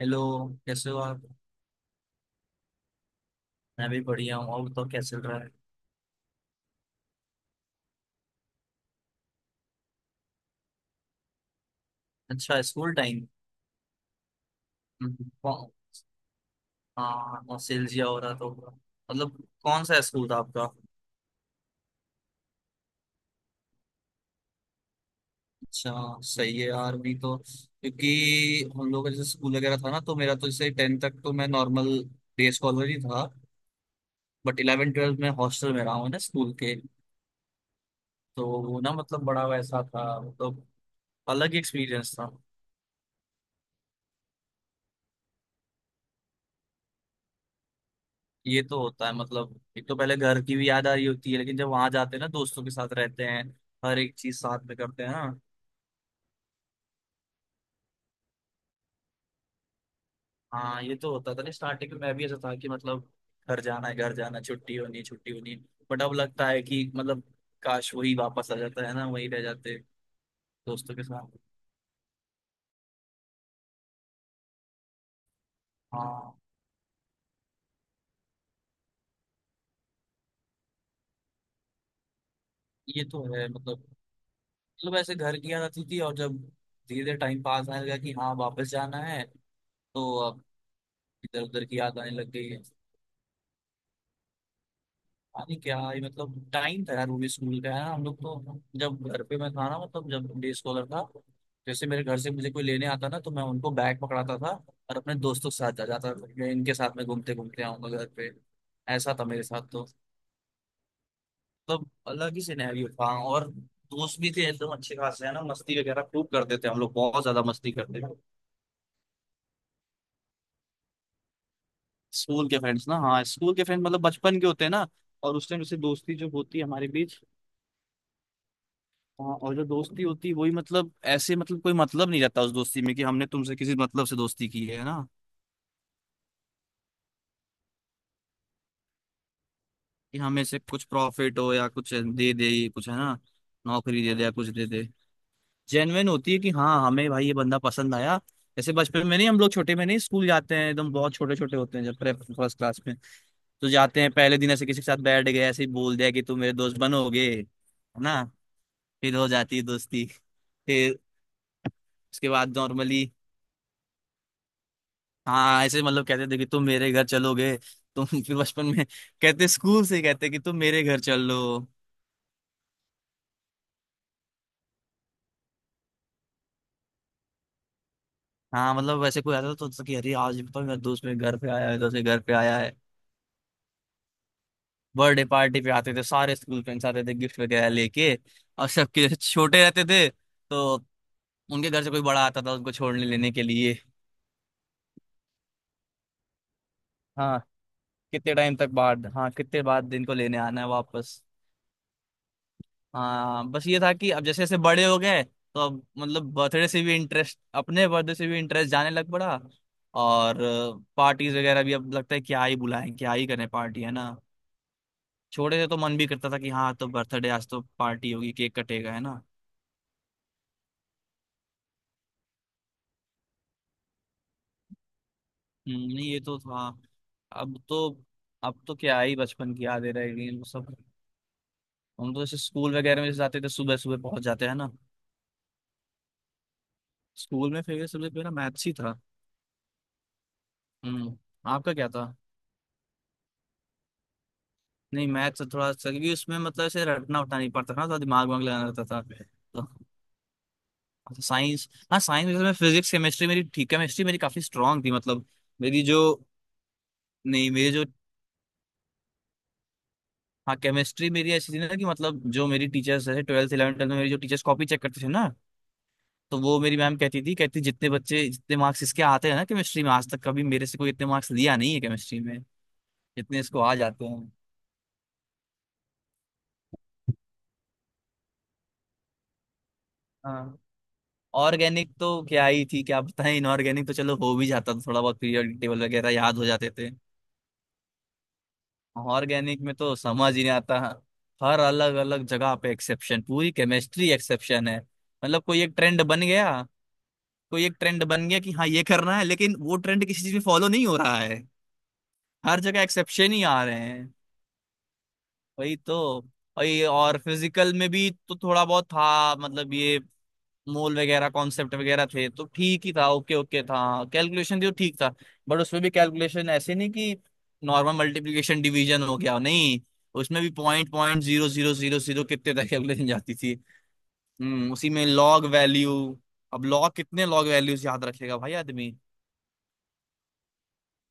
Hello. कैसे हो आप। मैं भी बढ़िया हूँ। और तो क्या चल रहा है। अच्छा। School time. हाँ, नॉस्टैल्जिया हो रहा तो। मतलब कौन सा स्कूल था आपका। अच्छा। सही है यार भी तो, क्योंकि हम लोग का जैसे स्कूल वगैरह था ना, तो मेरा तो जैसे 10th तक तो मैं नॉर्मल डे स्कॉलर ही था। बट इलेवन ट्वेल्थ में हॉस्टल में रहा हूँ ना स्कूल के। तो वो ना, मतलब बड़ा वैसा था, मतलब अलग ही एक्सपीरियंस था। ये तो होता है, मतलब एक तो पहले घर की भी याद आ रही होती है, लेकिन जब वहां जाते हैं ना, दोस्तों के साथ रहते हैं, हर एक चीज साथ में करते हैं ना। हाँ, ये तो होता था। नहीं, स्टार्टिंग में मैं भी ऐसा था कि मतलब घर जाना है, छुट्टी होनी है छुट्टी होनी है। बट अब लगता है कि मतलब काश वही वापस आ जाता है ना, वही रह जाते दोस्तों के साथ। हाँ, ये तो है मतलब ऐसे घर की याद आती थी। और जब धीरे धीरे टाइम पास आने लगा कि हाँ वापस जाना है, तो अब इधर उधर की याद आने लग गई है। अरे क्या ये, मतलब टाइम था यार वो भी स्कूल का। है ना, हम लोग तो जब घर पे, मैं था ना मतलब जब डे स्कॉलर था, जैसे मेरे घर से मुझे कोई लेने आता ना तो मैं उनको बैग पकड़ाता था और अपने दोस्तों के साथ जा जाता था, या इनके साथ में घूमते घूमते आऊंगा घर पे। ऐसा था मेरे साथ तो। मतलब अलग ही सिनेरियो था। और दोस्त भी थे एकदम अच्छे खासे, है ना, मस्ती वगैरह खूब करते थे हम लोग। बहुत ज्यादा मस्ती करते थे। स्कूल के फ्रेंड्स ना, हाँ स्कूल के फ्रेंड मतलब बचपन के होते हैं ना। और उस टाइम जैसे दोस्ती जो होती है हमारे बीच। हाँ, और जो दोस्ती होती है वही, मतलब ऐसे मतलब कोई मतलब नहीं रहता उस दोस्ती में कि हमने तुमसे किसी मतलब से दोस्ती की है ना, कि हमें से कुछ प्रॉफिट हो या कुछ दे दे ये कुछ, है ना, नौकरी दे दे या कुछ दे दे। जेन्युइन होती है कि हाँ हमें भाई ये बंदा पसंद आया। जैसे बचपन में नहीं, हम लोग छोटे में नहीं स्कूल जाते हैं एकदम बहुत छोटे छोटे होते हैं जब प्रे फर्स्ट क्लास में, तो जाते हैं पहले दिन ऐसे किसी के साथ बैठ गए, ऐसे ही बोल दिया कि तुम मेरे दोस्त बनोगे, है ना, फिर हो जाती है दोस्ती। फिर उसके बाद नॉर्मली। हाँ, ऐसे मतलब कहते थे कि तुम मेरे घर चलोगे। तुम फिर बचपन में कहते, स्कूल से कहते कि तुम मेरे घर चलो। हाँ, मतलब वैसे कोई आता तो कि अरे आज तो मेरा दोस्त मेरे घर पे आया है, दोस्त मेरे घर पे आया है। बर्थडे पार्टी पे आते थे सारे स्कूल फ्रेंड्स, आते थे गिफ्ट वगैरह लेके। और सबके छोटे रहते थे तो उनके घर से कोई बड़ा आता था उनको छोड़ने लेने के लिए। हाँ, कितने टाइम तक बाद, हाँ कितने बाद दिन को लेने आना है वापस। हाँ, बस ये था कि अब जैसे जैसे बड़े हो गए तो अब मतलब बर्थडे से भी इंटरेस्ट, अपने बर्थडे से भी इंटरेस्ट जाने लग पड़ा। और पार्टीज वगैरह भी अब लगता है क्या ही बुलाएं, क्या ही करें पार्टी, है ना। छोटे से तो मन भी करता था कि हाँ तो बर्थडे आज तो पार्टी होगी, केक कटेगा, है ना। नहीं, ये तो था। अब तो अब तो क्या ही बचपन की यादें रह गई हैं वो सब। हम तो जैसे स्कूल वगैरह में जैसे जाते थे, सुबह सुबह पहुंच जाते हैं ना। स्कूल में फेवरेट सब्जेक्ट मेरा मैथ्स ही था। हम्म। आपका क्या था। नहीं, मैथ तो थोड़ा सा, क्योंकि उसमें मतलब ऐसे रटना उठना नहीं पड़ता था ना, थोड़ा दिमाग वाग लगाना रहता था तो। तो साइंस, हाँ साइंस में मैं फिजिक्स केमिस्ट्री, मेरी ठीक, केमिस्ट्री मेरी काफी स्ट्रांग थी मतलब। मेरी जो, नहीं मेरी जो, हाँ केमिस्ट्री मेरी ऐसी थी ना कि मतलब, जो मेरी टीचर्स जैसे ट्वेल्थ 11th 12th में मेरी जो टीचर्स कॉपी चेक करते थे ना। तो वो मेरी मैम कहती थी, कहती जितने बच्चे, जितने मार्क्स इसके आते हैं ना केमिस्ट्री में, आज तक कभी मेरे से कोई इतने मार्क्स लिया नहीं है केमिस्ट्री में, जितने इसको आ जाते हैं। हाँ ऑर्गेनिक तो क्या ही थी, क्या बताएं। इनऑर्गेनिक तो चलो हो भी जाता था, थोड़ा बहुत पीरियड टेबल वगैरह याद हो जाते थे। ऑर्गेनिक में तो समझ ही नहीं आता, हर अलग अलग जगह पे एक्सेप्शन, पूरी केमिस्ट्री एक्सेप्शन है। मतलब कोई एक ट्रेंड बन गया, कोई एक ट्रेंड बन गया कि हाँ ये करना है, लेकिन वो ट्रेंड किसी चीज में फॉलो नहीं हो रहा है। हर जगह एक्सेप्शन ही आ रहे हैं, वही तो। और फिजिकल में भी तो थोड़ा बहुत था मतलब ये, मोल वगैरह कॉन्सेप्ट वगैरह थे तो ठीक ही था, ओके ओके था। कैलकुलेशन थी, वो ठीक था। बट उसमें भी कैलकुलेशन ऐसे नहीं कि नॉर्मल मल्टीप्लिकेशन डिवीजन हो गया, नहीं उसमें भी point point zero zero zero zero कितने तक कैलकुलेशन जाती थी। उसी में लॉग वैल्यू, अब लॉग, कितने लॉग वैल्यूज याद रखेगा भाई आदमी।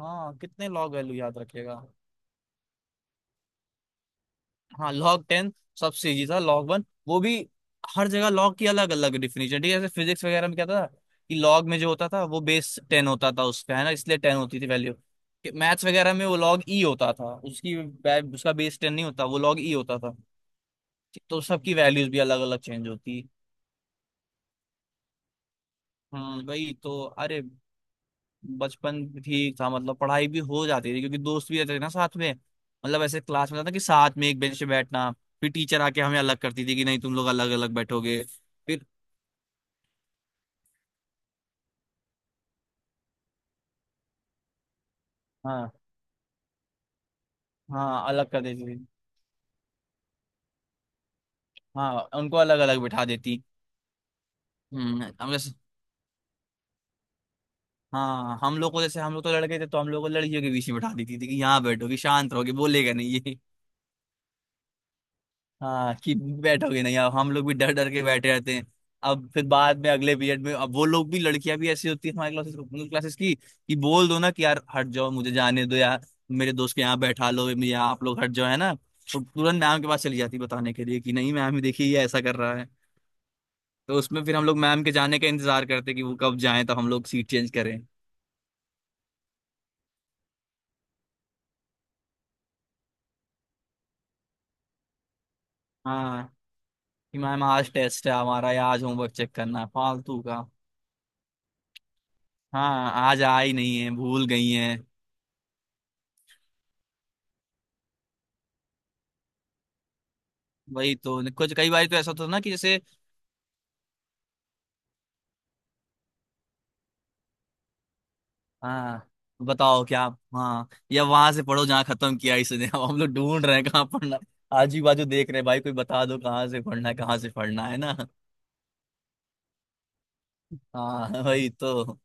हाँ, कितने लॉग वैल्यू याद रखेगा। हाँ लॉग 10 सबसे इजी था, लॉग वन वो भी। हर जगह लॉग की अलग अलग डिफिनेशन ठीक है। जैसे फिजिक्स वगैरह में क्या था कि लॉग में जो होता था वो बेस 10 होता था उसका, है ना, इसलिए 10 होती थी वैल्यू। मैथ्स वगैरह में वो लॉग ई होता था, उसका बेस 10 नहीं होता, वो लॉग ई होता था। तो सबकी वैल्यूज भी अलग अलग चेंज होती। वही तो, अरे बचपन ठीक था। मतलब पढ़ाई भी हो जाती थी क्योंकि दोस्त भी रहते थे ना साथ में। मतलब ऐसे क्लास में था ना कि साथ में एक बेंच पे बैठना। फिर टीचर आके हमें अलग करती थी कि नहीं तुम लोग अलग अलग बैठोगे। फिर, हाँ हाँ, अलग कर देती थी। हाँ उनको अलग अलग बैठा देती। हम जैसे हाँ, हम लोग को जैसे, हम लोग तो लड़के थे तो हम लोग को लड़कियों के बीच में बैठा देती थी कि यहाँ बैठोगे, शांत रहोगे, बोलेगा नहीं। हाँ कि बैठोगे नहीं, अब हम लोग भी डर डर के बैठे रहते हैं। अब फिर बाद में अगले पीरियड में, अब वो लोग भी, लड़कियां भी ऐसी होती है हमारे क्लासेस क्लासेस की, कि बोल दो ना कि यार हट जाओ, मुझे जाने दो यार, मेरे दोस्त के यहाँ बैठा लो, मेरे यहाँ आप लोग हट जाओ, है ना। तो तुरंत मैम के पास चली जाती बताने के लिए कि नहीं मैम ये देखिए ये ऐसा कर रहा है। तो उसमें फिर हम लोग मैम के जाने का इंतजार करते कि वो कब जाए तो हम लोग सीट चेंज करें। हाँ कि मैम आज टेस्ट है हमारा, या आज होमवर्क चेक करना है फालतू का। हाँ, आज आई नहीं है भूल गई है। वही तो, कुछ कई बार तो ऐसा होता था ना कि जैसे। हाँ, बताओ क्या। हाँ या वहां से पढ़ो जहाँ खत्म किया इसने, अब हम लोग ढूंढ रहे हैं कहाँ पढ़ना है, आजू बाजू देख रहे हैं, भाई कोई बता दो कहाँ से पढ़ना है, कहाँ से पढ़ना है ना। हाँ, वही तो।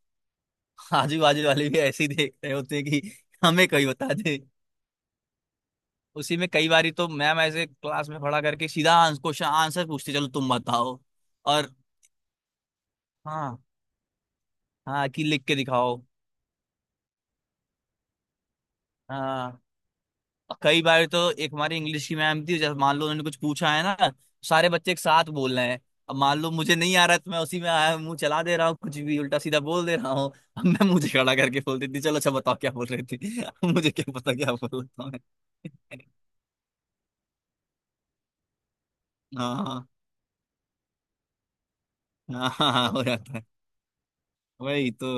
आजू बाजू वाले भी ऐसे ही देख रहे होते हैं कि हमें कोई बता दे। उसी में कई बार तो मैम ऐसे क्लास में खड़ा करके सीधा क्वेश्चन आंसर पूछते, चलो तुम बताओ। और हाँ, हाँ कि लिख के दिखाओ। हाँ, कई बार तो एक हमारी इंग्लिश की मैम थी, जैसे मान लो उन्होंने कुछ पूछा है ना, तो सारे बच्चे एक साथ बोल रहे हैं। अब मान लो मुझे नहीं आ रहा है तो मैं उसी में आया मुंह चला दे रहा हूँ, कुछ भी उल्टा सीधा बोल दे रहा हूँ। अब मैं मुझे खड़ा करके बोल देती, चलो अच्छा बताओ क्या बोल रही थी। मुझे क्या पता क्या बोल रहा हूँ मैं। हाँ हाँ हाँ हाँ, हो जाता है, वही तो।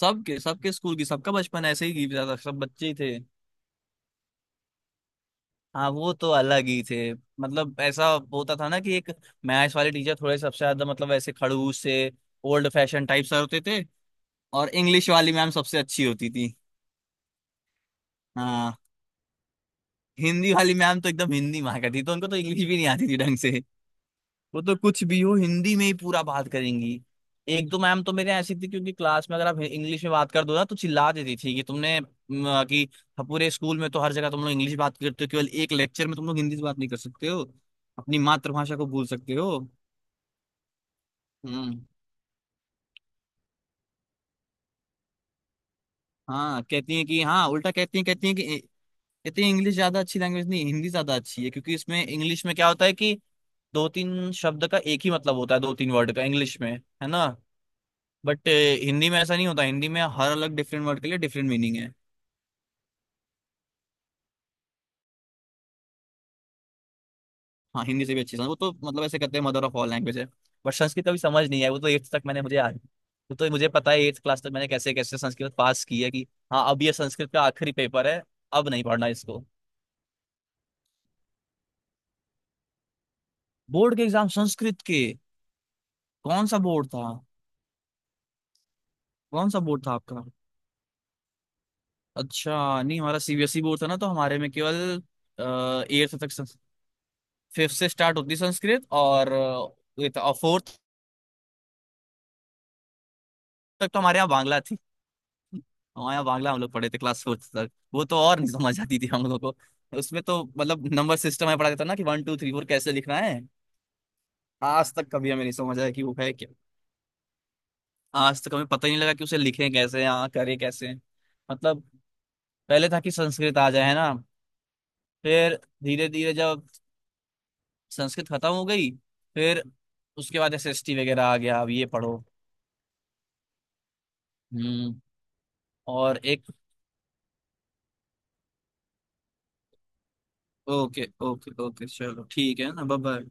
सबके सबके स्कूल की, सबका बचपन ऐसे ही सब बच्चे ही थे। हाँ वो तो अलग ही थे। मतलब ऐसा होता था ना कि एक मैथ्स वाले टीचर थोड़े सबसे ज्यादा, मतलब ऐसे खड़ूस से, ओल्ड फैशन टाइप सर होते थे। और इंग्लिश वाली मैम सबसे अच्छी होती थी। हाँ हिंदी वाली मैम तो एकदम हिंदी माँ का थी, तो उनको तो इंग्लिश भी नहीं आती थी ढंग से। वो तो कुछ भी हो हिंदी में ही पूरा बात करेंगी। एक दो मैम तो मेरे ऐसी थी क्योंकि क्लास में अगर आप इंग्लिश में बात कर दो ना तो चिल्ला देती थी कि तुमने कि। हाँ, पूरे स्कूल में तो हर जगह तुम लोग इंग्लिश बात करते हो, केवल एक लेक्चर में तुम लोग हिंदी से बात नहीं कर सकते हो। अपनी मातृभाषा को भूल सकते हो। हम्म, हाँ, कहती है कि हाँ, उल्टा कहती है कि। कहती है इंग्लिश ज्यादा अच्छी लैंग्वेज नहीं, हिंदी ज्यादा अच्छी है, क्योंकि इसमें इंग्लिश में क्या होता है कि दो तीन शब्द का एक ही मतलब होता है, दो तीन वर्ड का इंग्लिश में है ना। बट हिंदी में ऐसा नहीं होता, हिंदी में हर अलग डिफरेंट वर्ड के लिए डिफरेंट मीनिंग है। हाँ हिंदी से भी अच्छी समझ, वो तो मतलब ऐसे कहते हैं मदर ऑफ ऑल लैंग्वेज है। बट संस्कृत अभी समझ नहीं आई। वो तो 8th तक मैंने मुझे याद, वो तो मुझे पता है 8th क्लास तक मैंने कैसे कैसे संस्कृत पास की है। कि हाँ, अब ये संस्कृत का आखिरी पेपर है, अब नहीं पढ़ना इसको। बोर्ड के एग्जाम संस्कृत के? कौन सा बोर्ड था? कौन सा बोर्ड था आपका? अच्छा, नहीं हमारा सीबीएसई बोर्ड था ना, तो हमारे में केवल 8th तक, 5th से स्टार्ट होती संस्कृत। और 4th तक तो हमारे यहाँ बांग्ला थी। हाँ यार बांग्ला हम लोग पढ़े थे क्लास 4th तक। वो तो और नहीं समझ आती थी हम लोगों को। उसमें तो मतलब नंबर सिस्टम है पढ़ा जाता ना कि 1 2 3 4 कैसे लिखना है। आज तक कभी हमें नहीं समझ आया कि वो है क्या। आज तक हमें पता ही नहीं लगा कि उसे लिखें कैसे, हाँ करें कैसे मतलब। पहले था कि संस्कृत आ जाए, है ना। फिर धीरे धीरे जब संस्कृत खत्म हो गई, फिर उसके बाद SST वगैरह आ गया, अब ये पढ़ो। हम्म। और एक, ओके ओके ओके, चलो ठीक है ना, बाय।